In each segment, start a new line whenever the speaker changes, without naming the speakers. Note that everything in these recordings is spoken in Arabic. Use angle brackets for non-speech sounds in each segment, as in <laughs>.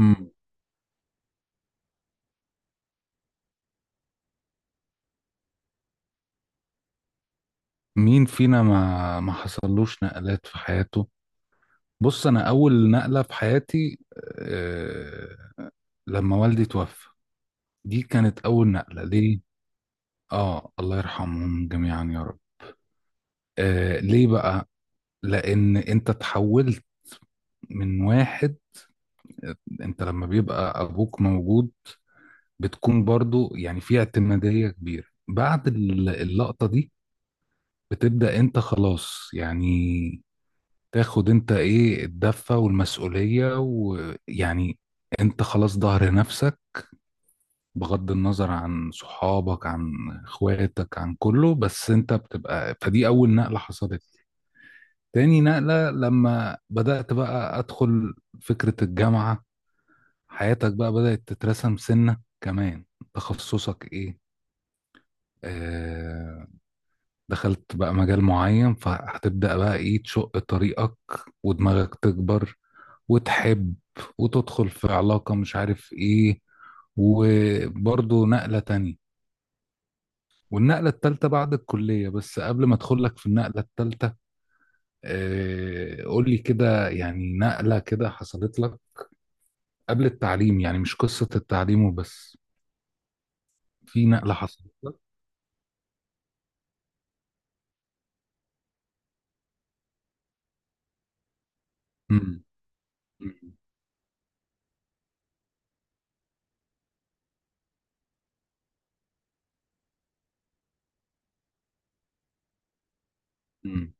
مم. مين فينا ما حصلوش نقلات في حياته؟ بص، انا اول نقله في حياتي. آه لما والدي توفى، دي كانت اول نقله ليه. اه، الله يرحمهم جميعا يا رب. ليه بقى؟ لان انت تحولت من واحد، انت لما بيبقى ابوك موجود بتكون برضو يعني في اعتماديه كبيره. بعد اللقطه دي بتبدا انت خلاص، يعني تاخد انت ايه الدفة والمسؤولية، ويعني انت خلاص ظهر نفسك، بغض النظر عن صحابك عن اخواتك عن كله، بس انت بتبقى، فدي اول نقلة حصلت لي. تاني نقلة لما بدأت بقى ادخل فكرة الجامعة، حياتك بقى بدأت تترسم، سنة كمان تخصصك ايه. آه دخلت بقى مجال معين، فهتبدأ بقى ايه تشق طريقك، ودماغك تكبر، وتحب، وتدخل في علاقة مش عارف ايه، وبرضه نقلة تانية. والنقلة التالتة بعد الكلية، بس قبل ما ادخل لك في النقلة التالتة، قول لي كده، يعني نقلة كده حصلت لك قبل التعليم، يعني مش قصة التعليم وبس، في نقلة حصلت لك؟ مم. مم. مم.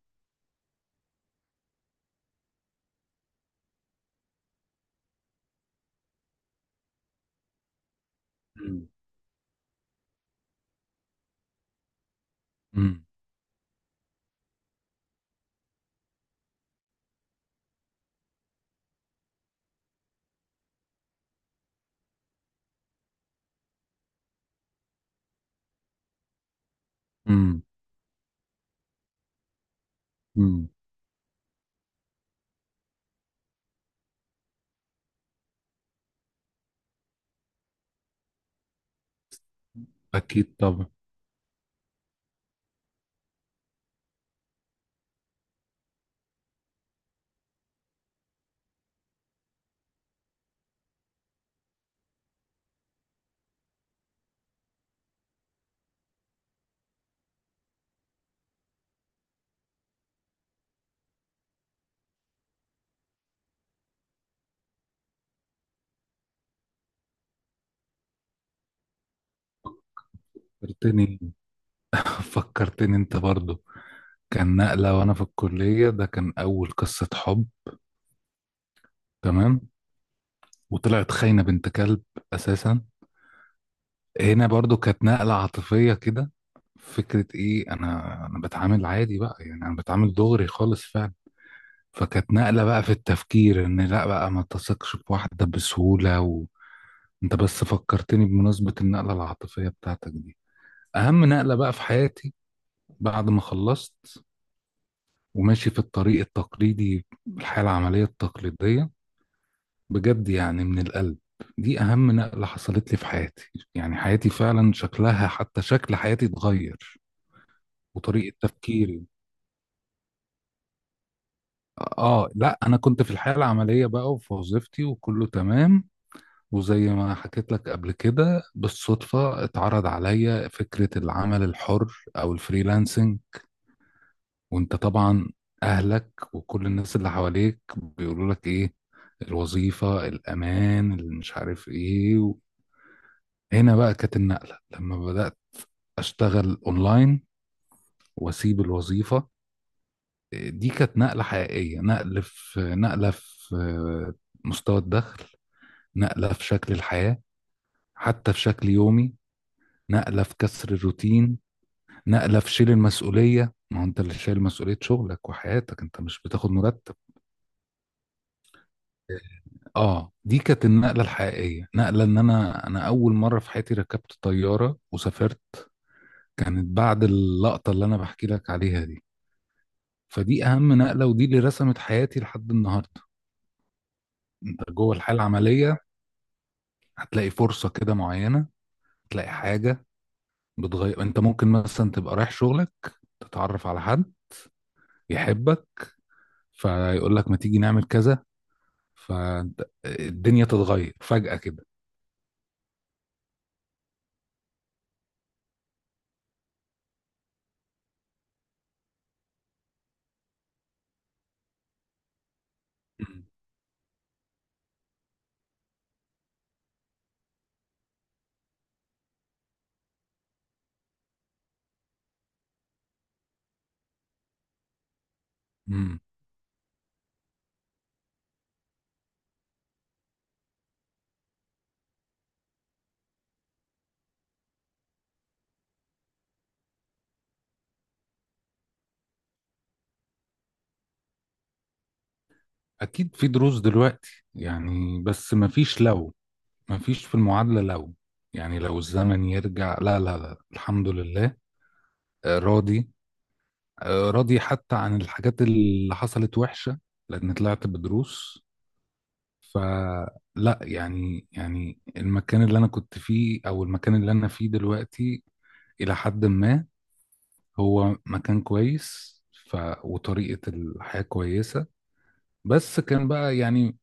مم. مم. مم. مم. أكيد طبعا. فكرتني، <laughs> فكرتني أنت برضو. كان نقلة وأنا في الكلية، ده كان أول قصة حب، تمام، وطلعت خاينة بنت كلب أساسا. هنا برضو كانت نقلة عاطفية كده، فكرة إيه، أنا بتعامل عادي بقى يعني، أنا بتعامل دغري خالص فعلا. فكانت نقلة بقى في التفكير إن لا بقى ما تثقش بواحدة بسهولة، وأنت. بس فكرتني بمناسبة النقلة العاطفية بتاعتك دي، أهم نقلة بقى في حياتي، بعد ما خلصت وماشي في الطريق التقليدي، الحياة العملية التقليدية، بجد يعني من القلب، دي أهم نقلة حصلت لي في حياتي، يعني حياتي فعلا شكلها، حتى شكل حياتي اتغير، وطريقة تفكيري. لا، أنا كنت في الحياة العملية بقى، وفي وظيفتي وكله تمام، وزي ما حكيت لك قبل كده بالصدفة اتعرض عليا فكرة العمل الحر أو الفريلانسنج. وأنت طبعا، أهلك وكل الناس اللي حواليك بيقولوا لك إيه، الوظيفة الأمان اللي مش عارف إيه. هنا بقى كانت النقلة، لما بدأت أشتغل أونلاين وأسيب الوظيفة، دي كانت نقلة حقيقية، نقلة في مستوى الدخل، نقلة في شكل الحياة، حتى في شكل يومي، نقلة في كسر الروتين، نقلة في شيل المسؤولية، ما هو أنت اللي شايل مسؤولية شغلك وحياتك، أنت مش بتاخد مرتب. دي كانت النقلة الحقيقية، نقلة إن أنا أول مرة في حياتي ركبت طيارة وسافرت، كانت بعد اللقطة اللي أنا بحكي لك عليها دي، فدي اهم نقله، ودي اللي رسمت حياتي لحد النهارده. انت جوه الحياه العمليه هتلاقي فرصه كده معينه، تلاقي حاجه بتغير، انت ممكن مثلا تبقى رايح شغلك، تتعرف على حد يحبك، فيقول لك ما تيجي نعمل كذا، فالدنيا تتغير فجأة كده. مم. مم. اكيد في دروس دلوقتي يعني، بس ما فيش لو، ما فيش في المعادلة لو، يعني لو الزمن يرجع، لا لا لا، الحمد لله. راضي، راضي حتى عن الحاجات اللي حصلت وحشة، لأن طلعت بدروس. فلا يعني المكان اللي أنا كنت فيه أو المكان اللي أنا فيه دلوقتي إلى حد ما هو مكان كويس. ف... وطريقة الحياة كويسة. بس كان بقى يعني،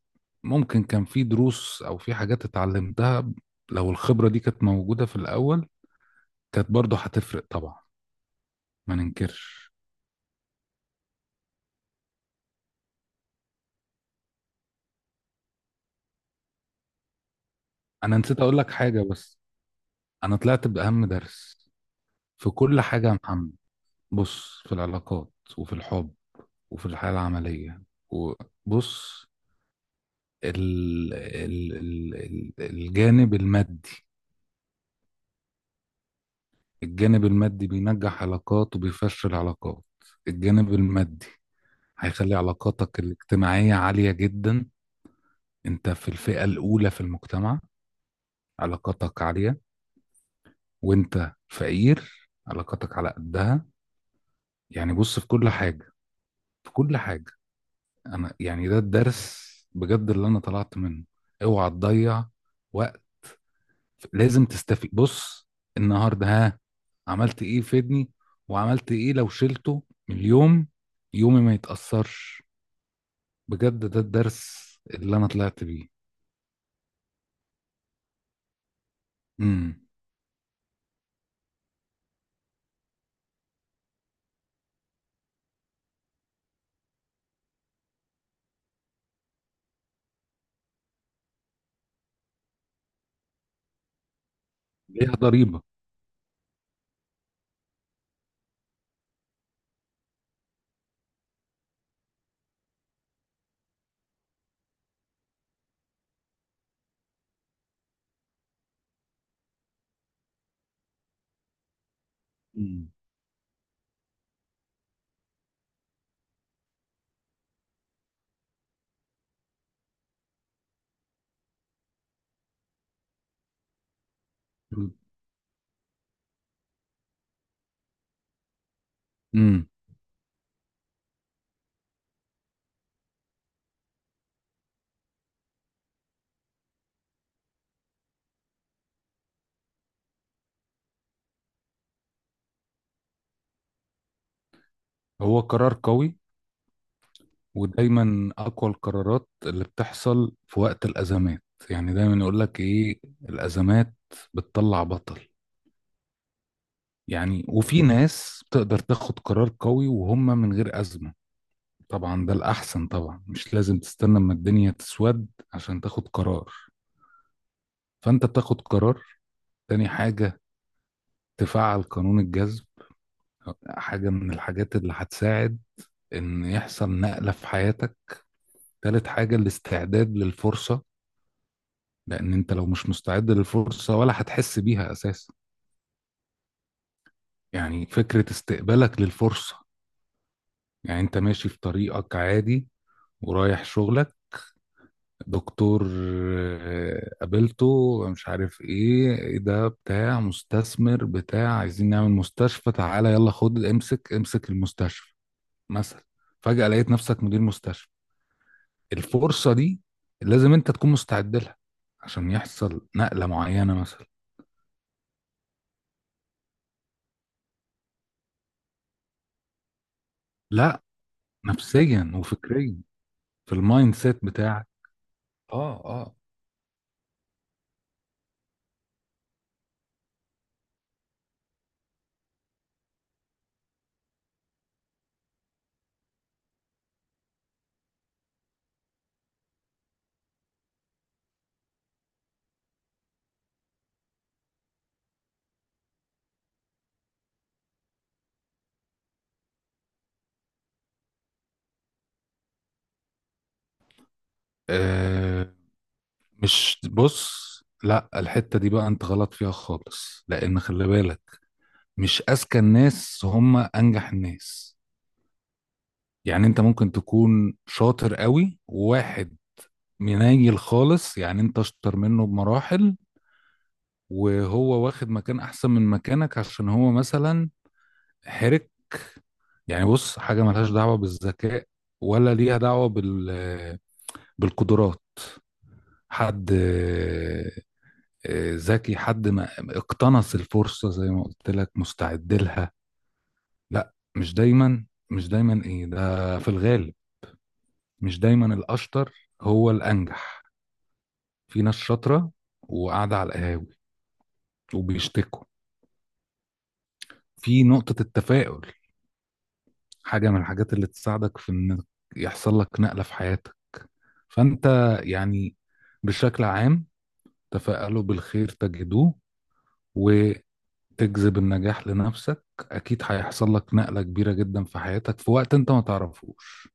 ممكن كان في دروس أو في حاجات اتعلمتها، لو الخبرة دي كانت موجودة في الأول كانت برضه هتفرق طبعا، ما ننكرش. أنا نسيت أقول لك حاجة بس، أنا طلعت بأهم درس في كل حاجة يا محمد. بص، في العلاقات، وفي الحب، وفي الحياة العملية، وبص، ال ال ال ال الجانب المادي، الجانب المادي بينجح علاقات وبيفشل علاقات. الجانب المادي هيخلي علاقاتك الاجتماعية عالية جدا، انت في الفئة الأولى في المجتمع علاقاتك عالية، وانت فقير علاقاتك على قدها. يعني بص في كل حاجة، في كل حاجة، انا يعني ده الدرس بجد اللي انا طلعت منه. اوعى تضيع وقت، لازم تستفيد. بص، النهارده، ها، عملت ايه يفيدني، وعملت ايه لو شلته من اليوم يومي ما يتأثرش، بجد ده الدرس اللي انا طلعت بيه. امم. ليها ضريبة. مم. امم. هو قرار قوي، ودايما اقوى القرارات اللي بتحصل في وقت الازمات، يعني دايما يقول لك ايه، الازمات بتطلع بطل، يعني، وفي ناس تقدر تاخد قرار قوي وهم من غير أزمة. طبعا ده الأحسن طبعا، مش لازم تستنى اما الدنيا تسود عشان تاخد قرار، فأنت بتاخد قرار. تاني حاجة، تفعل قانون الجذب، حاجة من الحاجات اللي هتساعد إن يحصل نقلة في حياتك. تالت حاجة، الاستعداد للفرصة، لأن أنت لو مش مستعد للفرصة ولا هتحس بيها أساسا، يعني فكرة استقبالك للفرصة. يعني أنت ماشي في طريقك عادي، ورايح شغلك، دكتور، قابلته مش عارف ايه ده بتاع مستثمر، بتاع عايزين نعمل مستشفى، تعالى يلا خد امسك امسك المستشفى، مثلا، فجأة لقيت نفسك مدير مستشفى، الفرصة دي لازم انت تكون مستعد لها، عشان يحصل نقلة معينة مثلا. لا، نفسيا وفكريا، في المايند سيت بتاعك. اه، اه. آه، مش بص، لا، الحتة دي بقى انت غلط فيها خالص، لان خلي بالك، مش اذكى الناس هم انجح الناس، يعني انت ممكن تكون شاطر قوي، وواحد منيل خالص، يعني انت اشطر منه بمراحل، وهو واخد مكان احسن من مكانك، عشان هو مثلا حرك. يعني بص، حاجة ملهاش دعوة بالذكاء، ولا ليها دعوة بالقدرات، حد ذكي، حد ما اقتنص الفرصة زي ما قلت لك، مستعد لها. لا مش دايما، مش دايما ايه ده، في الغالب مش دايما الأشطر هو الأنجح، في ناس شاطرة وقاعدة على القهاوي وبيشتكوا. في نقطة التفاؤل، حاجة من الحاجات اللي تساعدك في إن يحصل لك نقلة في حياتك، فأنت يعني بشكل عام، تفائلوا بالخير تجدوه، وتجذب النجاح لنفسك، أكيد هيحصل لك نقلة كبيرة جدا في حياتك في وقت أنت ما تعرفوش.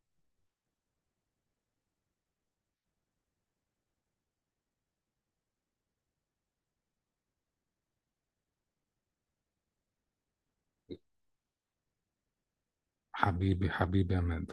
حبيبي حبيبي يا مان.